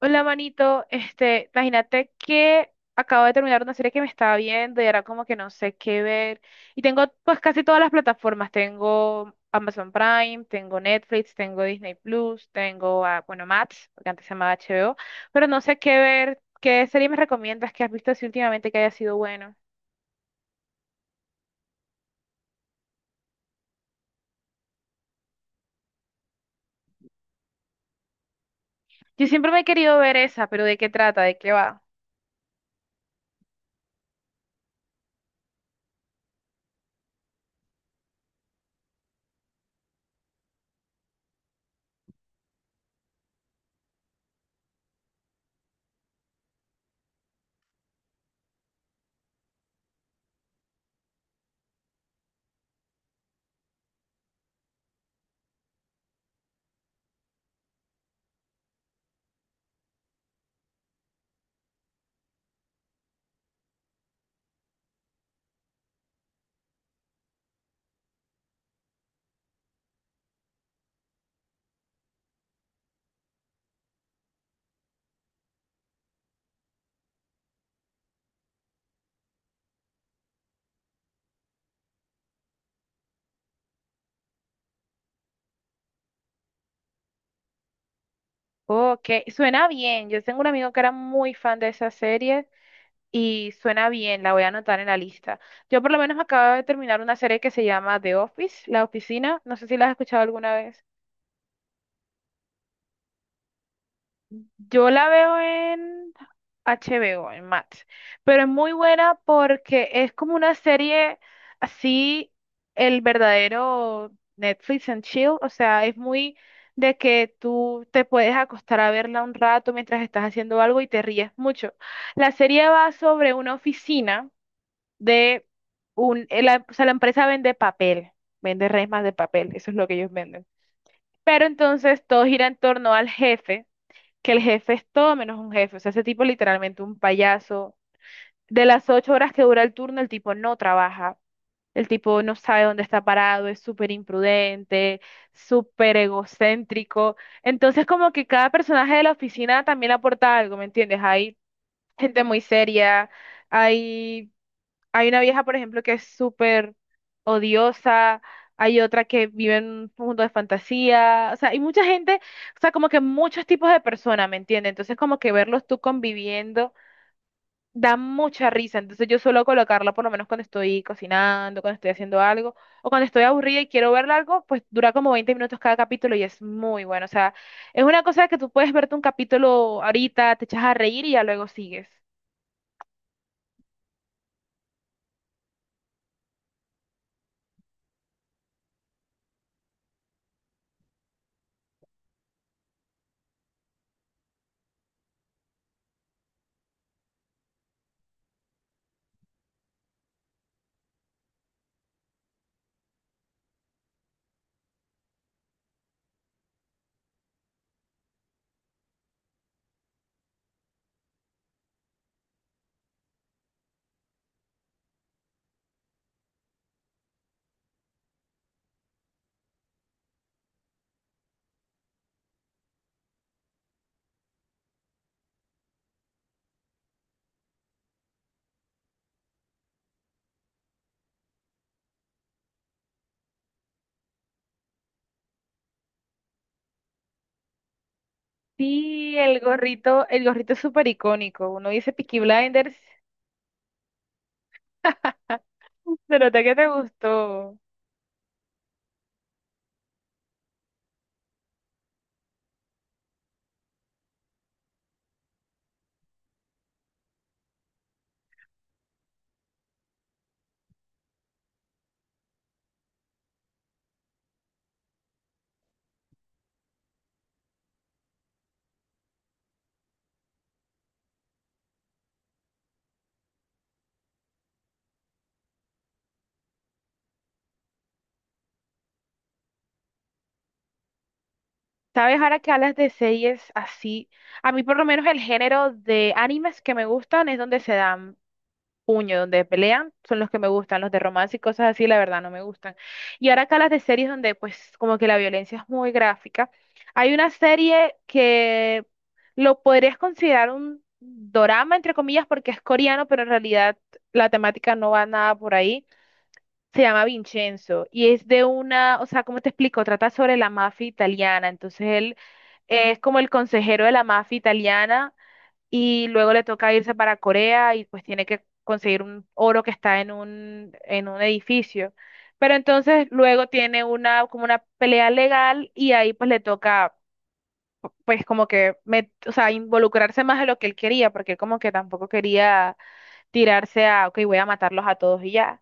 Hola, manito. Imagínate que acabo de terminar una serie que me estaba viendo y era como que no sé qué ver. Y tengo pues casi todas las plataformas. Tengo Amazon Prime, tengo Netflix, tengo Disney Plus, tengo, bueno, Max, porque antes se llamaba HBO, pero no sé qué ver. ¿Qué serie me recomiendas que has visto así últimamente que haya sido bueno? Yo siempre me he querido ver esa, pero ¿de qué trata? ¿De qué va? Ok, suena bien. Yo tengo un amigo que era muy fan de esa serie. Y suena bien, la voy a anotar en la lista. Yo por lo menos acabo de terminar una serie que se llama The Office, La Oficina. No sé si la has escuchado alguna vez. Yo la veo en HBO, en Max. Pero es muy buena porque es como una serie así, el verdadero Netflix and chill. O sea, es muy de que tú te puedes acostar a verla un rato mientras estás haciendo algo y te ríes mucho. La serie va sobre una oficina de un, la, o sea, la empresa vende papel, vende resmas de papel, eso es lo que ellos venden. Pero entonces todo gira en torno al jefe, que el jefe es todo menos un jefe, o sea, ese tipo es literalmente un payaso. De las 8 horas que dura el turno, el tipo no trabaja, el tipo no sabe dónde está parado, es súper imprudente, súper egocéntrico. Entonces como que cada personaje de la oficina también aporta algo, ¿me entiendes? Hay gente muy seria. Hay hay una vieja, por ejemplo, que es súper odiosa, hay otra que vive en un mundo de fantasía, o sea, hay mucha gente, o sea, como que muchos tipos de personas, ¿me entiendes? Entonces, como que verlos tú conviviendo da mucha risa, entonces yo suelo colocarla por lo menos cuando estoy cocinando, cuando estoy haciendo algo, o cuando estoy aburrida y quiero ver algo, pues dura como 20 minutos cada capítulo y es muy bueno, o sea, es una cosa que tú puedes verte un capítulo ahorita, te echas a reír y ya luego sigues. Sí, el gorrito es súper icónico. Uno dice Peaky Blinders, se nota que te gustó. ¿Sabes? Ahora que hablas de series así, a mí por lo menos el género de animes que me gustan es donde se dan puño, donde pelean, son los que me gustan, los de romance y cosas así, la verdad no me gustan. Y ahora acá las de series donde pues como que la violencia es muy gráfica. Hay una serie que lo podrías considerar un dorama, entre comillas, porque es coreano, pero en realidad la temática no va nada por ahí. Se llama Vincenzo y es de una, o sea, ¿cómo te explico? Trata sobre la mafia italiana, entonces él... es como el consejero de la mafia italiana y luego le toca irse para Corea y pues tiene que conseguir un oro que está en un edificio. Pero entonces luego tiene una, como una pelea legal y ahí pues le toca pues como que o sea, involucrarse más de lo que él quería, porque él como que tampoco quería tirarse a, ok, voy a matarlos a todos y ya.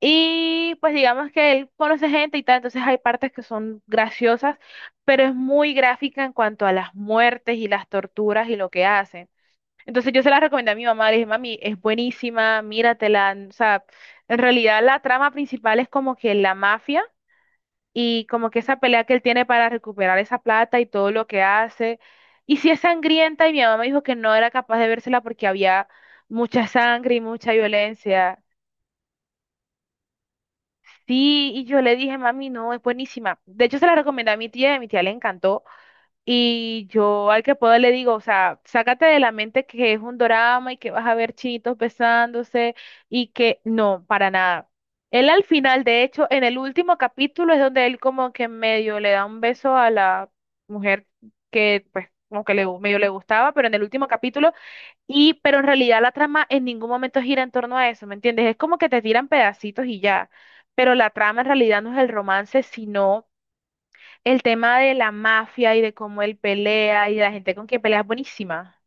Y pues digamos que él conoce gente y tal, entonces hay partes que son graciosas, pero es muy gráfica en cuanto a las muertes y las torturas y lo que hacen. Entonces yo se la recomendé a mi mamá, le dije, mami, es buenísima, míratela. O sea, en realidad la trama principal es como que la mafia y como que esa pelea que él tiene para recuperar esa plata y todo lo que hace. Y sí es sangrienta y mi mamá me dijo que no era capaz de vérsela porque había mucha sangre y mucha violencia. Sí, y yo le dije, mami, no, es buenísima. De hecho se la recomendé a mi tía y a mi tía le encantó. Y yo al que puedo le digo, o sea, sácate de la mente que es un drama y que vas a ver chinitos besándose y que no, para nada. Él al final, de hecho, en el último capítulo es donde él como que medio le da un beso a la mujer que pues como que le, medio le gustaba, pero en el último capítulo, y pero en realidad la trama en ningún momento gira en torno a eso, ¿me entiendes? Es como que te tiran pedacitos y ya, pero la trama en realidad no es el romance, sino el tema de la mafia y de cómo él pelea y de la gente con quien pelea es buenísima.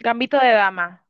Gambito de dama.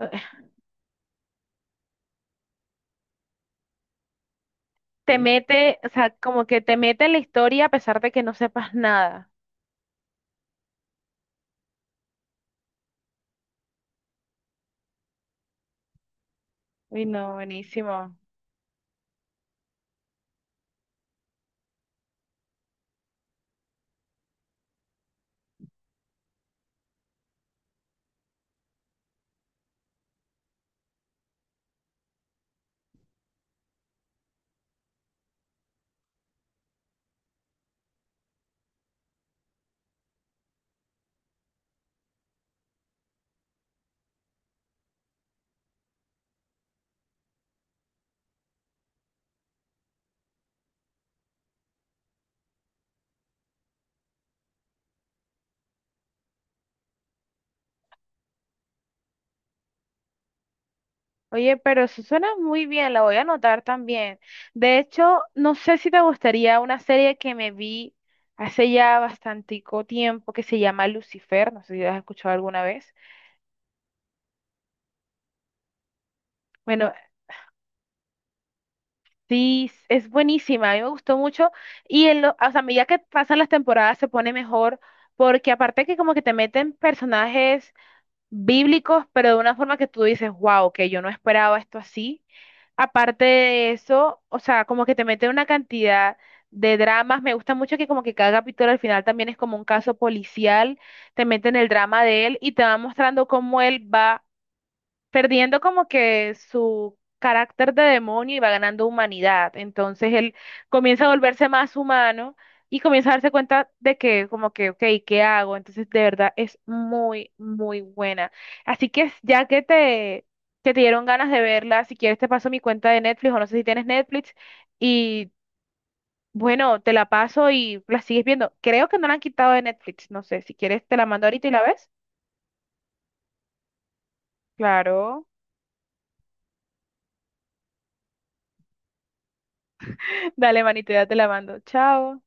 Te mete, o sea, como que te mete en la historia a pesar de que no sepas nada. Uy, no, buenísimo. Oye, pero eso suena muy bien, la voy a anotar también. De hecho, no sé si te gustaría una serie que me vi hace ya bastantico tiempo que se llama Lucifer, no sé si la has escuchado alguna vez. Bueno, sí, es buenísima, a mí me gustó mucho y en lo, o sea, a medida que pasan las temporadas se pone mejor porque aparte que como que te meten personajes bíblicos, pero de una forma que tú dices, wow, que yo no esperaba esto así. Aparte de eso, o sea, como que te meten una cantidad de dramas, me gusta mucho que como que cada capítulo al final también es como un caso policial, te meten el drama de él y te va mostrando cómo él va perdiendo como que su carácter de demonio y va ganando humanidad. Entonces él comienza a volverse más humano y comienza a darse cuenta de que como que, ok, ¿qué hago? Entonces de verdad es muy, muy buena. Así que ya que te dieron ganas de verla, si quieres te paso mi cuenta de Netflix o no sé si tienes Netflix y... Bueno, te la paso y la sigues viendo. Creo que no la han quitado de Netflix. No sé, si quieres te la mando ahorita y la ves. Claro. Dale, manito, ya te la mando. Chao.